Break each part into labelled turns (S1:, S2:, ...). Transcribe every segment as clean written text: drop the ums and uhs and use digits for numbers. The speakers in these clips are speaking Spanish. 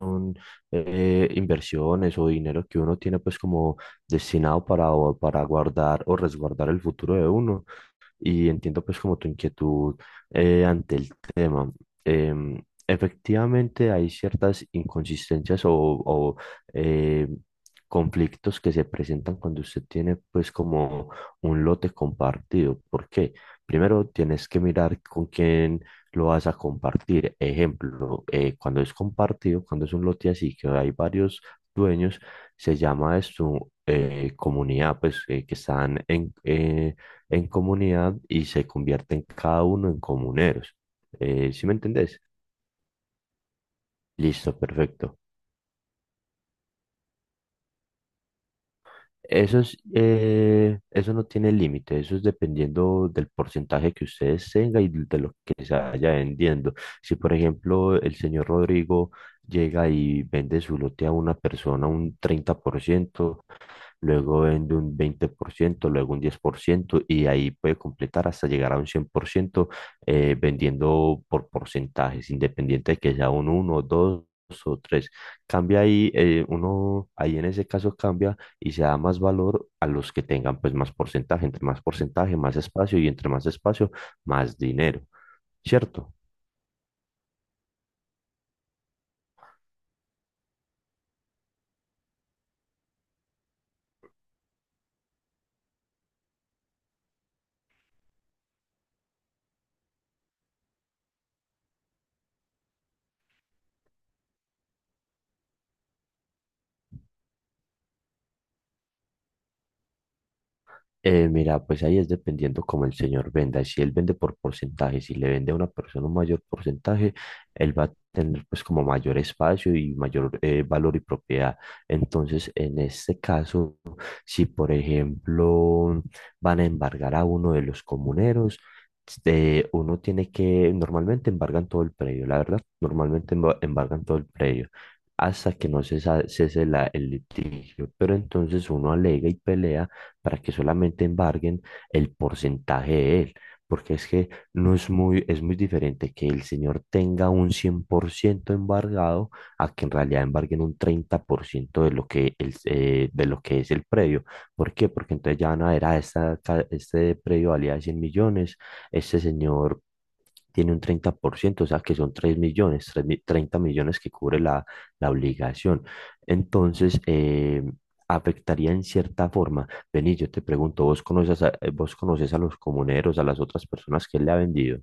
S1: Son inversiones o dinero que uno tiene pues como destinado para, para guardar o resguardar el futuro de uno y entiendo pues como tu inquietud ante el tema. Em, Efectivamente hay ciertas inconsistencias o, eh, conflictos que se presentan cuando usted tiene pues como un lote compartido. ¿Por qué? Primero tienes que mirar con quién lo vas a compartir. Ejemplo, cuando es compartido, cuando es un lote así que hay varios dueños, se llama esto comunidad, pues que están en, en comunidad y se convierten cada uno en comuneros. ¿Sí me entendés? Listo, perfecto. Eso es, eso no tiene límite, eso es dependiendo del porcentaje que ustedes tengan y de lo que se vaya vendiendo. Si, por ejemplo, el señor Rodrigo llega y vende su lote a una persona un 30%, luego vende un 20%, luego un 10% y ahí puede completar hasta llegar a un 100%, vendiendo por porcentajes, independiente de que sea un uno, 2 o tres. Cambia ahí, ahí en ese caso cambia y se da más valor a los que tengan pues más porcentaje. Entre más porcentaje, más espacio, y entre más espacio, más dinero, ¿cierto? Mira, pues ahí es dependiendo como el señor venda. Si él vende por porcentaje, si le vende a una persona un mayor porcentaje, él va a tener pues como mayor espacio y mayor valor y propiedad. Entonces, en este caso, si por ejemplo van a embargar a uno de los comuneros, uno tiene que, normalmente embargan todo el predio, la verdad, normalmente embargan todo el predio hasta que no cese la, el litigio, pero entonces uno alega y pelea para que solamente embarguen el porcentaje de él, porque es que no es muy, es muy diferente que el señor tenga un 100% embargado a que en realidad embarguen un 30% de lo que, de lo que es el predio. ¿Por qué? Porque entonces ya van a ver, este predio valía 100 millones, este señor tiene un 30%, o sea que son 3 millones, 30 millones, que cubre la obligación. Entonces, afectaría en cierta forma. Vení, yo te pregunto, vos conoces a los comuneros, a las otras personas que él le ha vendido?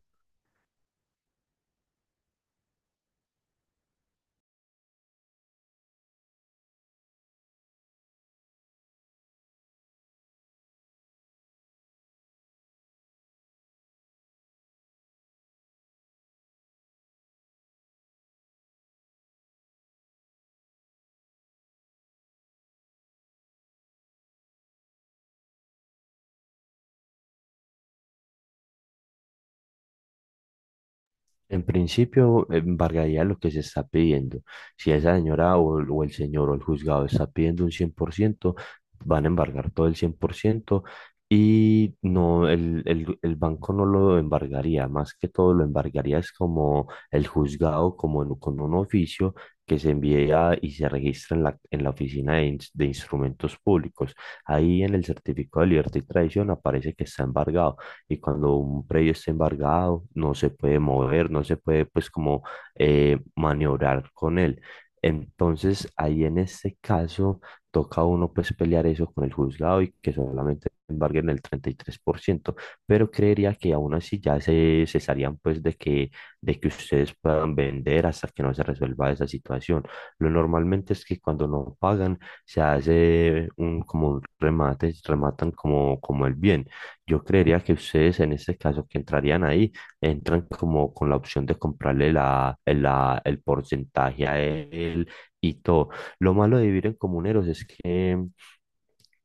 S1: En principio, embargaría lo que se está pidiendo. Si esa señora o el señor o el juzgado está pidiendo un 100%, van a embargar todo el 100% y no, el banco no lo embargaría. Más que todo, lo embargaría es como el juzgado, como con un oficio que se envía y se registra en en la oficina de, de instrumentos públicos. Ahí en el certificado de libertad y tradición aparece que está embargado, y cuando un predio está embargado no se puede mover, no se puede pues como maniobrar con él. Entonces ahí en este caso toca a uno pues pelear eso con el juzgado y que solamente embarguen el 33%, pero creería que aún así ya se cesarían pues de que ustedes puedan vender hasta que no se resuelva esa situación. Lo normalmente es que cuando no pagan se hace un como un remate, rematan como, como el bien. Yo creería que ustedes en este caso que entrarían ahí, entran como con la opción de comprarle el porcentaje a él y todo. Lo malo de vivir en comuneros es que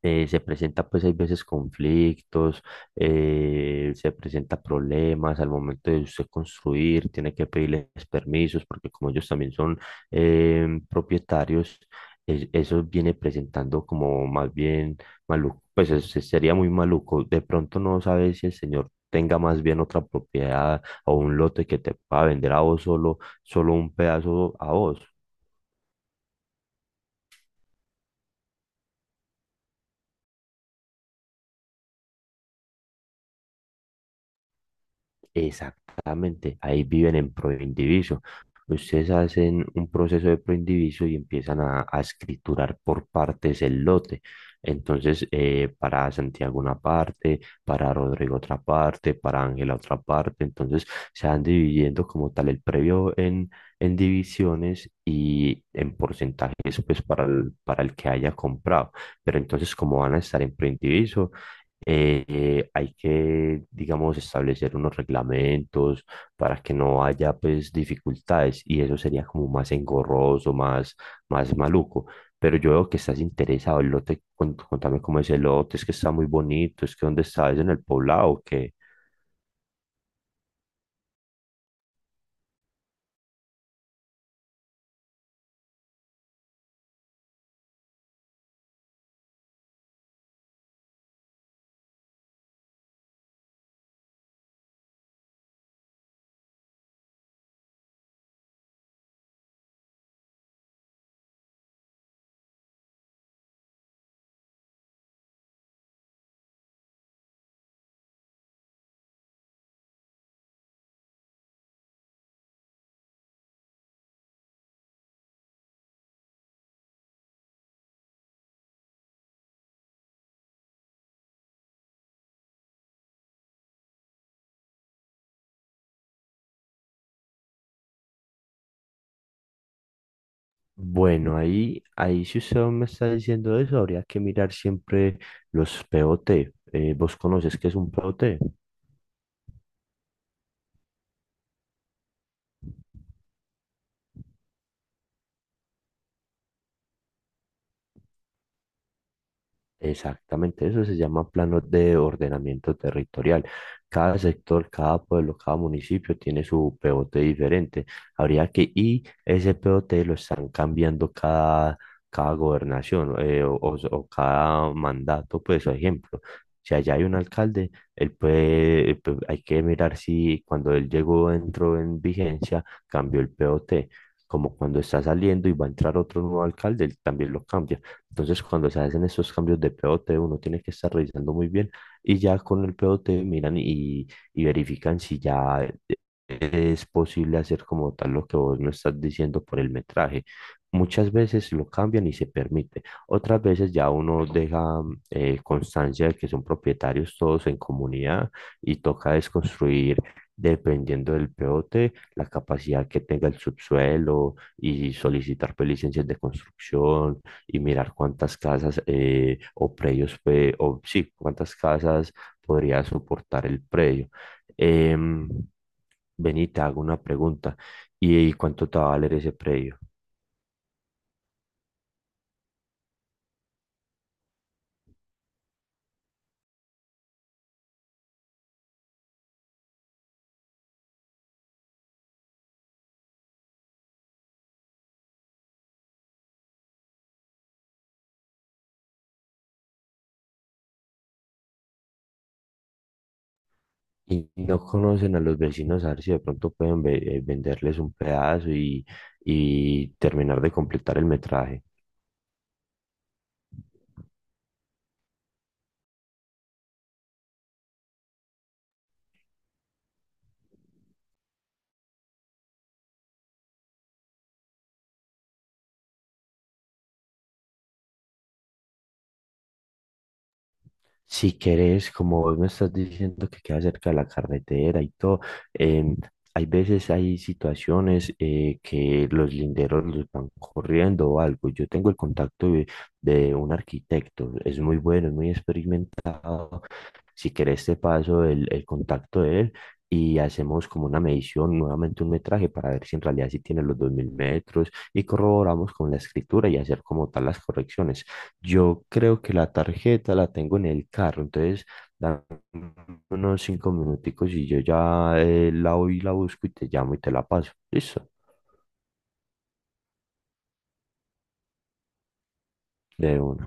S1: se presenta pues hay veces conflictos, se presenta problemas al momento de usted construir, tiene que pedirles permisos porque como ellos también son propietarios, eso viene presentando como más bien maluco. Pues sería muy maluco. De pronto no sabes si el señor tenga más bien otra propiedad o un lote que te pueda vender a vos solo, solo un pedazo a vos. Exactamente, ahí viven en proindiviso. Ustedes hacen un proceso de proindiviso y empiezan a escriturar por partes el lote. Entonces, para Santiago una parte, para Rodrigo otra parte, para Ángela otra parte. Entonces, se van dividiendo como tal el previo en divisiones y en porcentajes, pues para para el que haya comprado. Pero entonces, como van a estar en proindiviso, hay que, digamos, establecer unos reglamentos para que no haya, pues, dificultades, y eso sería como más engorroso, más, más maluco. Pero yo veo que estás interesado. El lote, contame cómo es el lote, es que está muy bonito, es que dónde está, es en el poblado, que... Bueno, ahí, ahí si usted me está diciendo eso, habría que mirar siempre los POT. ¿Vos conoces qué es un POT? Exactamente, eso se llama planos de ordenamiento territorial. Cada sector, cada pueblo, cada municipio tiene su POT diferente. Habría que, y ese POT lo están cambiando cada, cada gobernación o o cada mandato, pues, por ejemplo. Si allá hay un alcalde, él puede, pues, hay que mirar si cuando él llegó, entró en vigencia, cambió el POT. Como cuando está saliendo y va a entrar otro nuevo alcalde, él también lo cambia. Entonces, cuando se hacen estos cambios de POT, uno tiene que estar revisando muy bien y ya con el POT miran y verifican si ya eh, es posible hacer como tal lo que vos me estás diciendo por el metraje. Muchas veces lo cambian y se permite. Otras veces ya uno deja constancia de que son propietarios todos en comunidad y toca desconstruir, dependiendo del POT, la capacidad que tenga el subsuelo, y solicitar pues licencias de construcción y mirar cuántas casas o predios, o sí, cuántas casas podría soportar el predio. Em, Ven, te hago una pregunta. Y cuánto te va a valer ese predio? Y no conocen a los vecinos, a ver si de pronto pueden venderles un pedazo y terminar de completar el metraje. Si querés, como vos me estás diciendo que queda cerca de la carretera y todo, em, hay veces hay situaciones que los linderos los van corriendo o algo. Yo tengo el contacto de un arquitecto, es muy bueno, es muy experimentado. Si querés, te paso el contacto de él, y hacemos como una medición, nuevamente un metraje, para ver si en realidad sí tiene los 2000 metros y corroboramos con la escritura y hacer como tal las correcciones. Yo creo que la tarjeta la tengo en el carro, entonces dame unos 5 minuticos y yo ya la voy y la busco y te llamo y te la paso. Listo, de una.